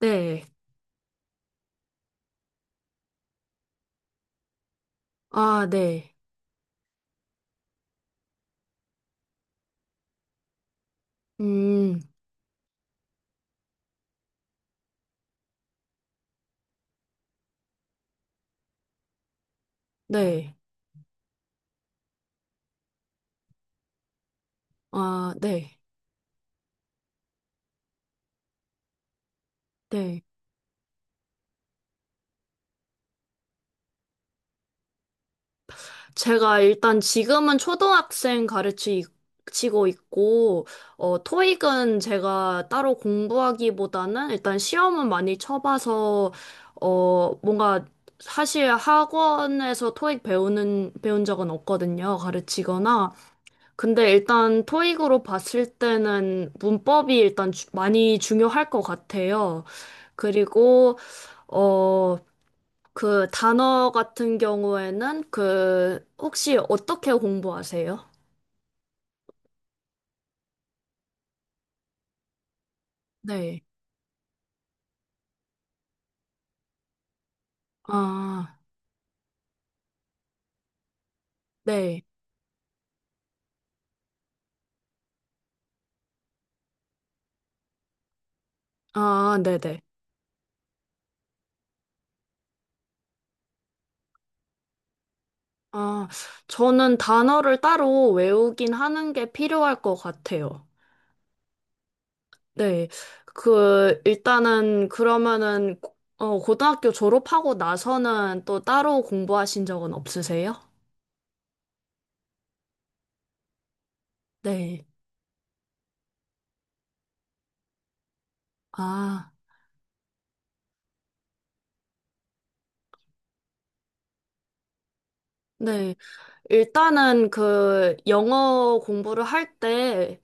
네. 아, 네. 음, 네. 아, 네. 네. 제가 일단 지금은 초등학생 가르치고 있고, 토익은 제가 따로 공부하기보다는 일단 시험은 많이 쳐봐서, 뭔가 사실 학원에서 토익 배운 적은 없거든요. 가르치거나. 근데 일단 토익으로 봤을 때는 문법이 일단 많이 중요할 것 같아요. 그리고 어, 그 단어 같은 경우에는 그 혹시 어떻게 공부하세요? 네. 아, 네. 아, 네네. 아, 저는 단어를 따로 외우긴 하는 게 필요할 것 같아요. 네. 그, 일단은 그러면은, 고등학교 졸업하고 나서는 또 따로 공부하신 적은 없으세요? 네. 아. 네. 일단은 그 영어 공부를 할 때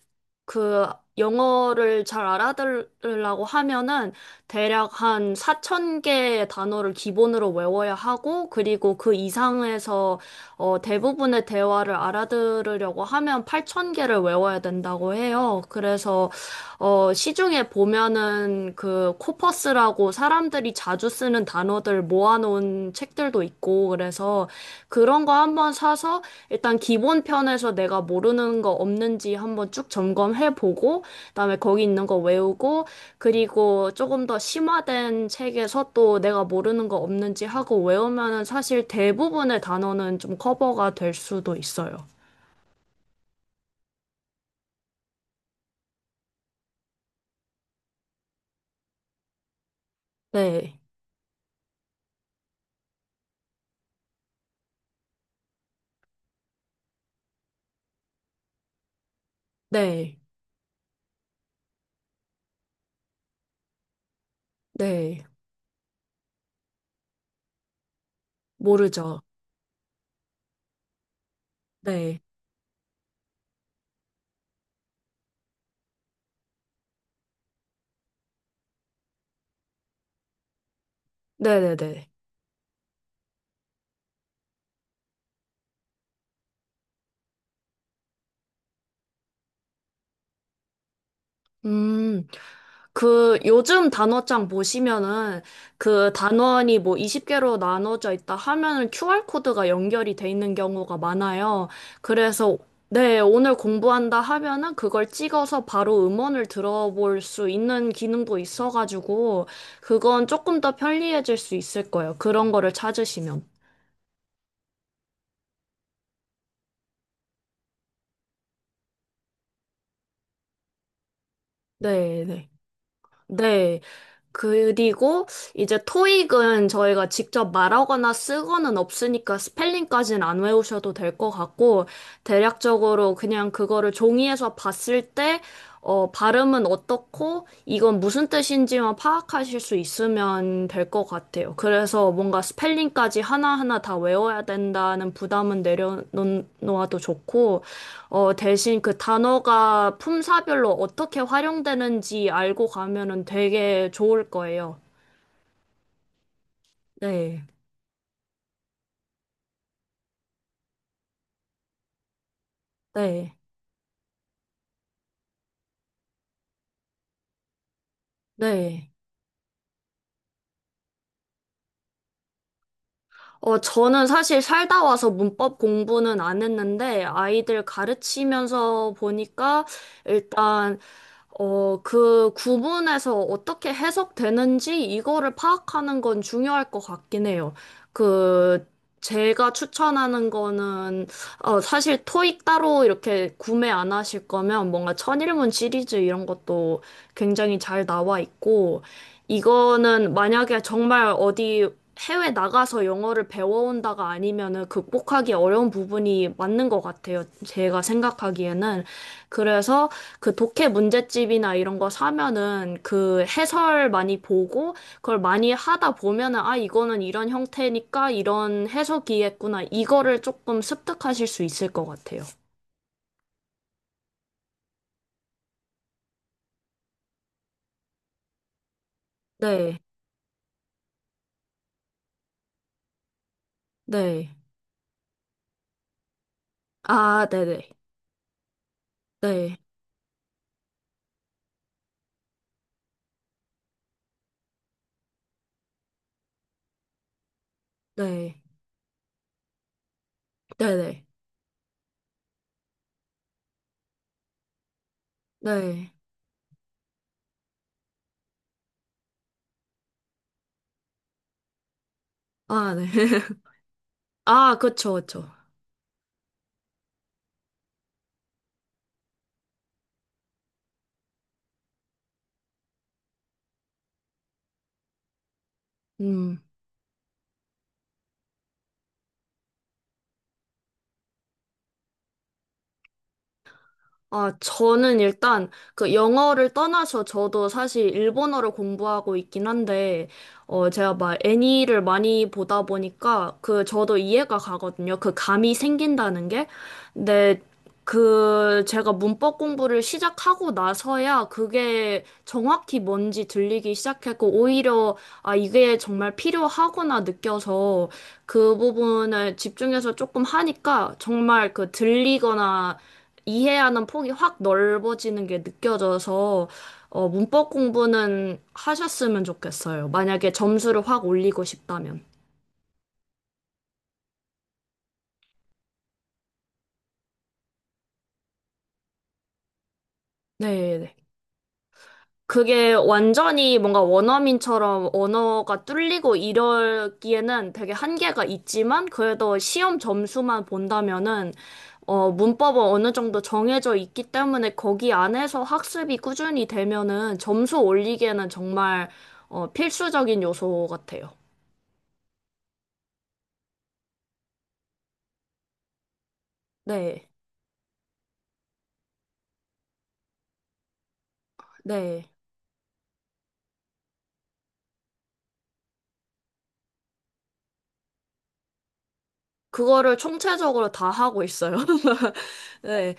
그 영어를 잘 알아들으려고 하면은 대략 한 4천 개의 단어를 기본으로 외워야 하고 그리고 그 이상에서 대부분의 대화를 알아들으려고 하면 8천 개를 외워야 된다고 해요. 그래서 시중에 보면은 그 코퍼스라고 사람들이 자주 쓰는 단어들 모아놓은 책들도 있고 그래서 그런 거 한번 사서 일단 기본 편에서 내가 모르는 거 없는지 한번 쭉 점검해 보고 그다음에 거기 있는 거 외우고 그리고 조금 더 심화된 책에서 또 내가 모르는 거 없는지 하고 외우면은 사실 대부분의 단어는 좀 커버가 될 수도 있어요. 네. 네. 네. 모르죠. 네. 네네네. 음, 그 요즘 단어장 보시면은 그 단원이 뭐 20개로 나눠져 있다 하면은 QR코드가 연결이 돼 있는 경우가 많아요. 그래서 네, 오늘 공부한다 하면은 그걸 찍어서 바로 음원을 들어볼 수 있는 기능도 있어가지고 그건 조금 더 편리해질 수 있을 거예요. 그런 거를 찾으시면. 네, 네. 네. 그리고 이제 토익은 저희가 직접 말하거나 쓰거나 없으니까 스펠링까지는 안 외우셔도 될 것 같고, 대략적으로 그냥 그거를 종이에서 봤을 때, 발음은 어떻고, 이건 무슨 뜻인지만 파악하실 수 있으면 될 것 같아요. 그래서 뭔가 스펠링까지 하나하나 다 외워야 된다는 부담은 내려놓아도 좋고, 대신 그 단어가 품사별로 어떻게 활용되는지 알고 가면은 되게 좋을 거예요. 네, 네, 네. 저는 사실 살다 와서 문법 공부는 안 했는데, 아이들 가르치면서 보니까, 일단, 그 구문에서 어떻게 해석되는지 이거를 파악하는 건 중요할 것 같긴 해요. 그, 제가 추천하는 거는, 사실 토익 따로 이렇게 구매 안 하실 거면 뭔가 천일문 시리즈 이런 것도 굉장히 잘 나와 있고, 이거는 만약에 정말 어디 해외 나가서 영어를 배워온다가 아니면은 극복하기 어려운 부분이 맞는 것 같아요. 제가 생각하기에는. 그래서 그 독해 문제집이나 이런 거 사면은 그 해설 많이 보고 그걸 많이 하다 보면은 아, 이거는 이런 형태니까 이런 해석이겠구나. 이거를 조금 습득하실 수 있을 것 같아요. 네, 네. 아, 네네. 네, 네. 네네. 네. 아, 네. 아, 그쵸, 그쵸. 음. 아, 저는 일단 그 영어를 떠나서 저도 사실 일본어를 공부하고 있긴 한데, 제가 막 애니를 많이 보다 보니까 그 저도 이해가 가거든요. 그 감이 생긴다는 게. 근데 그 제가 문법 공부를 시작하고 나서야 그게 정확히 뭔지 들리기 시작했고, 오히려 아, 이게 정말 필요하구나 느껴서 그 부분을 집중해서 조금 하니까 정말 그 들리거나 이해하는 폭이 확 넓어지는 게 느껴져서 문법 공부는 하셨으면 좋겠어요. 만약에 점수를 확 올리고 싶다면. 네. 네. 그게 완전히 뭔가 원어민처럼 언어가 뚫리고 이러기에는 되게 한계가 있지만 그래도 시험 점수만 본다면은 문법은 어느 정도 정해져 있기 때문에 거기 안에서 학습이 꾸준히 되면은 점수 올리기에는 정말 필수적인 요소 같아요. 네. 네. 그거를 총체적으로 다 하고 있어요. 네.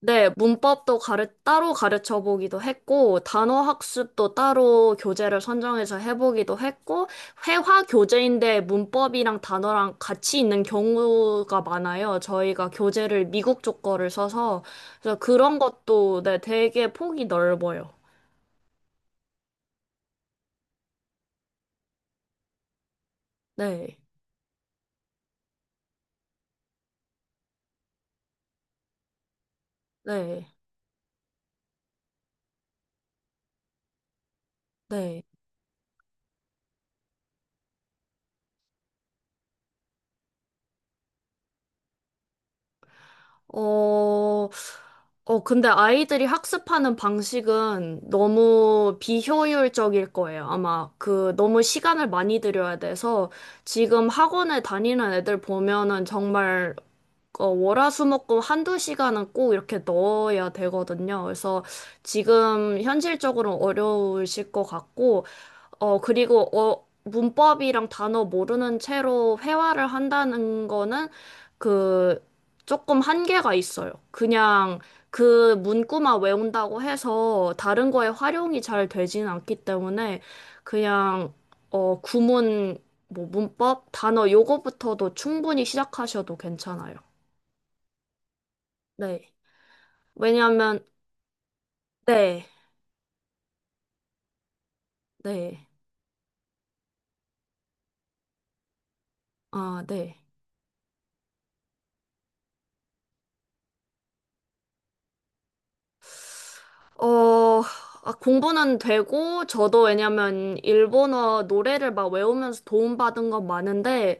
네, 문법도 따로 가르쳐 보기도 했고, 단어 학습도 따로 교재를 선정해서 해보기도 했고, 회화 교재인데 문법이랑 단어랑 같이 있는 경우가 많아요. 저희가 교재를 미국 쪽 거를 써서, 그래서 그런 것도, 네, 되게 폭이 넓어요. 네, 네, 네. 어, 근데 아이들이 학습하는 방식은 너무 비효율적일 거예요. 아마 그 너무 시간을 많이 들여야 돼서 지금 학원에 다니는 애들 보면은 정말 월화수목금 한두 시간은 꼭 이렇게 넣어야 되거든요. 그래서 지금 현실적으로 어려우실 것 같고, 그리고 문법이랑 단어 모르는 채로 회화를 한다는 거는 그 조금 한계가 있어요. 그냥 그 문구만 외운다고 해서 다른 거에 활용이 잘 되지는 않기 때문에 그냥 구문, 뭐 문법, 단어 요거부터도 충분히 시작하셔도 괜찮아요. 네. 왜냐하면, 네, 네, 아, 네. 어, 아, 공부는 되고, 저도 왜냐면, 일본어 노래를 막 외우면서 도움받은 건 많은데,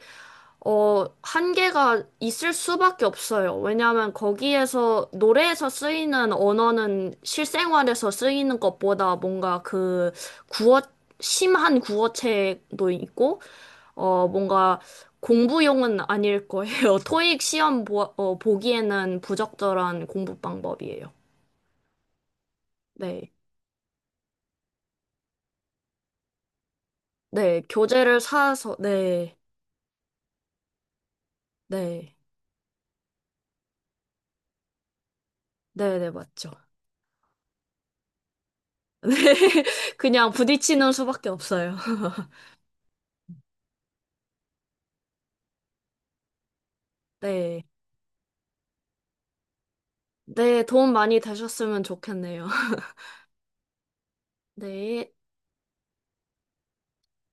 한계가 있을 수밖에 없어요. 왜냐면 노래에서 쓰이는 언어는 실생활에서 쓰이는 것보다 뭔가 그, 구어, 심한 구어체도 있고, 뭔가 공부용은 아닐 거예요. 토익 시험 보기에는 부적절한 공부 방법이에요. 네. 네, 교재를 사서, 네, 네, 네, 네, 맞죠. 네, 그냥 부딪히는 수밖에 없어요. 네, 네, 도움 많이 되셨으면 좋겠네요. 네.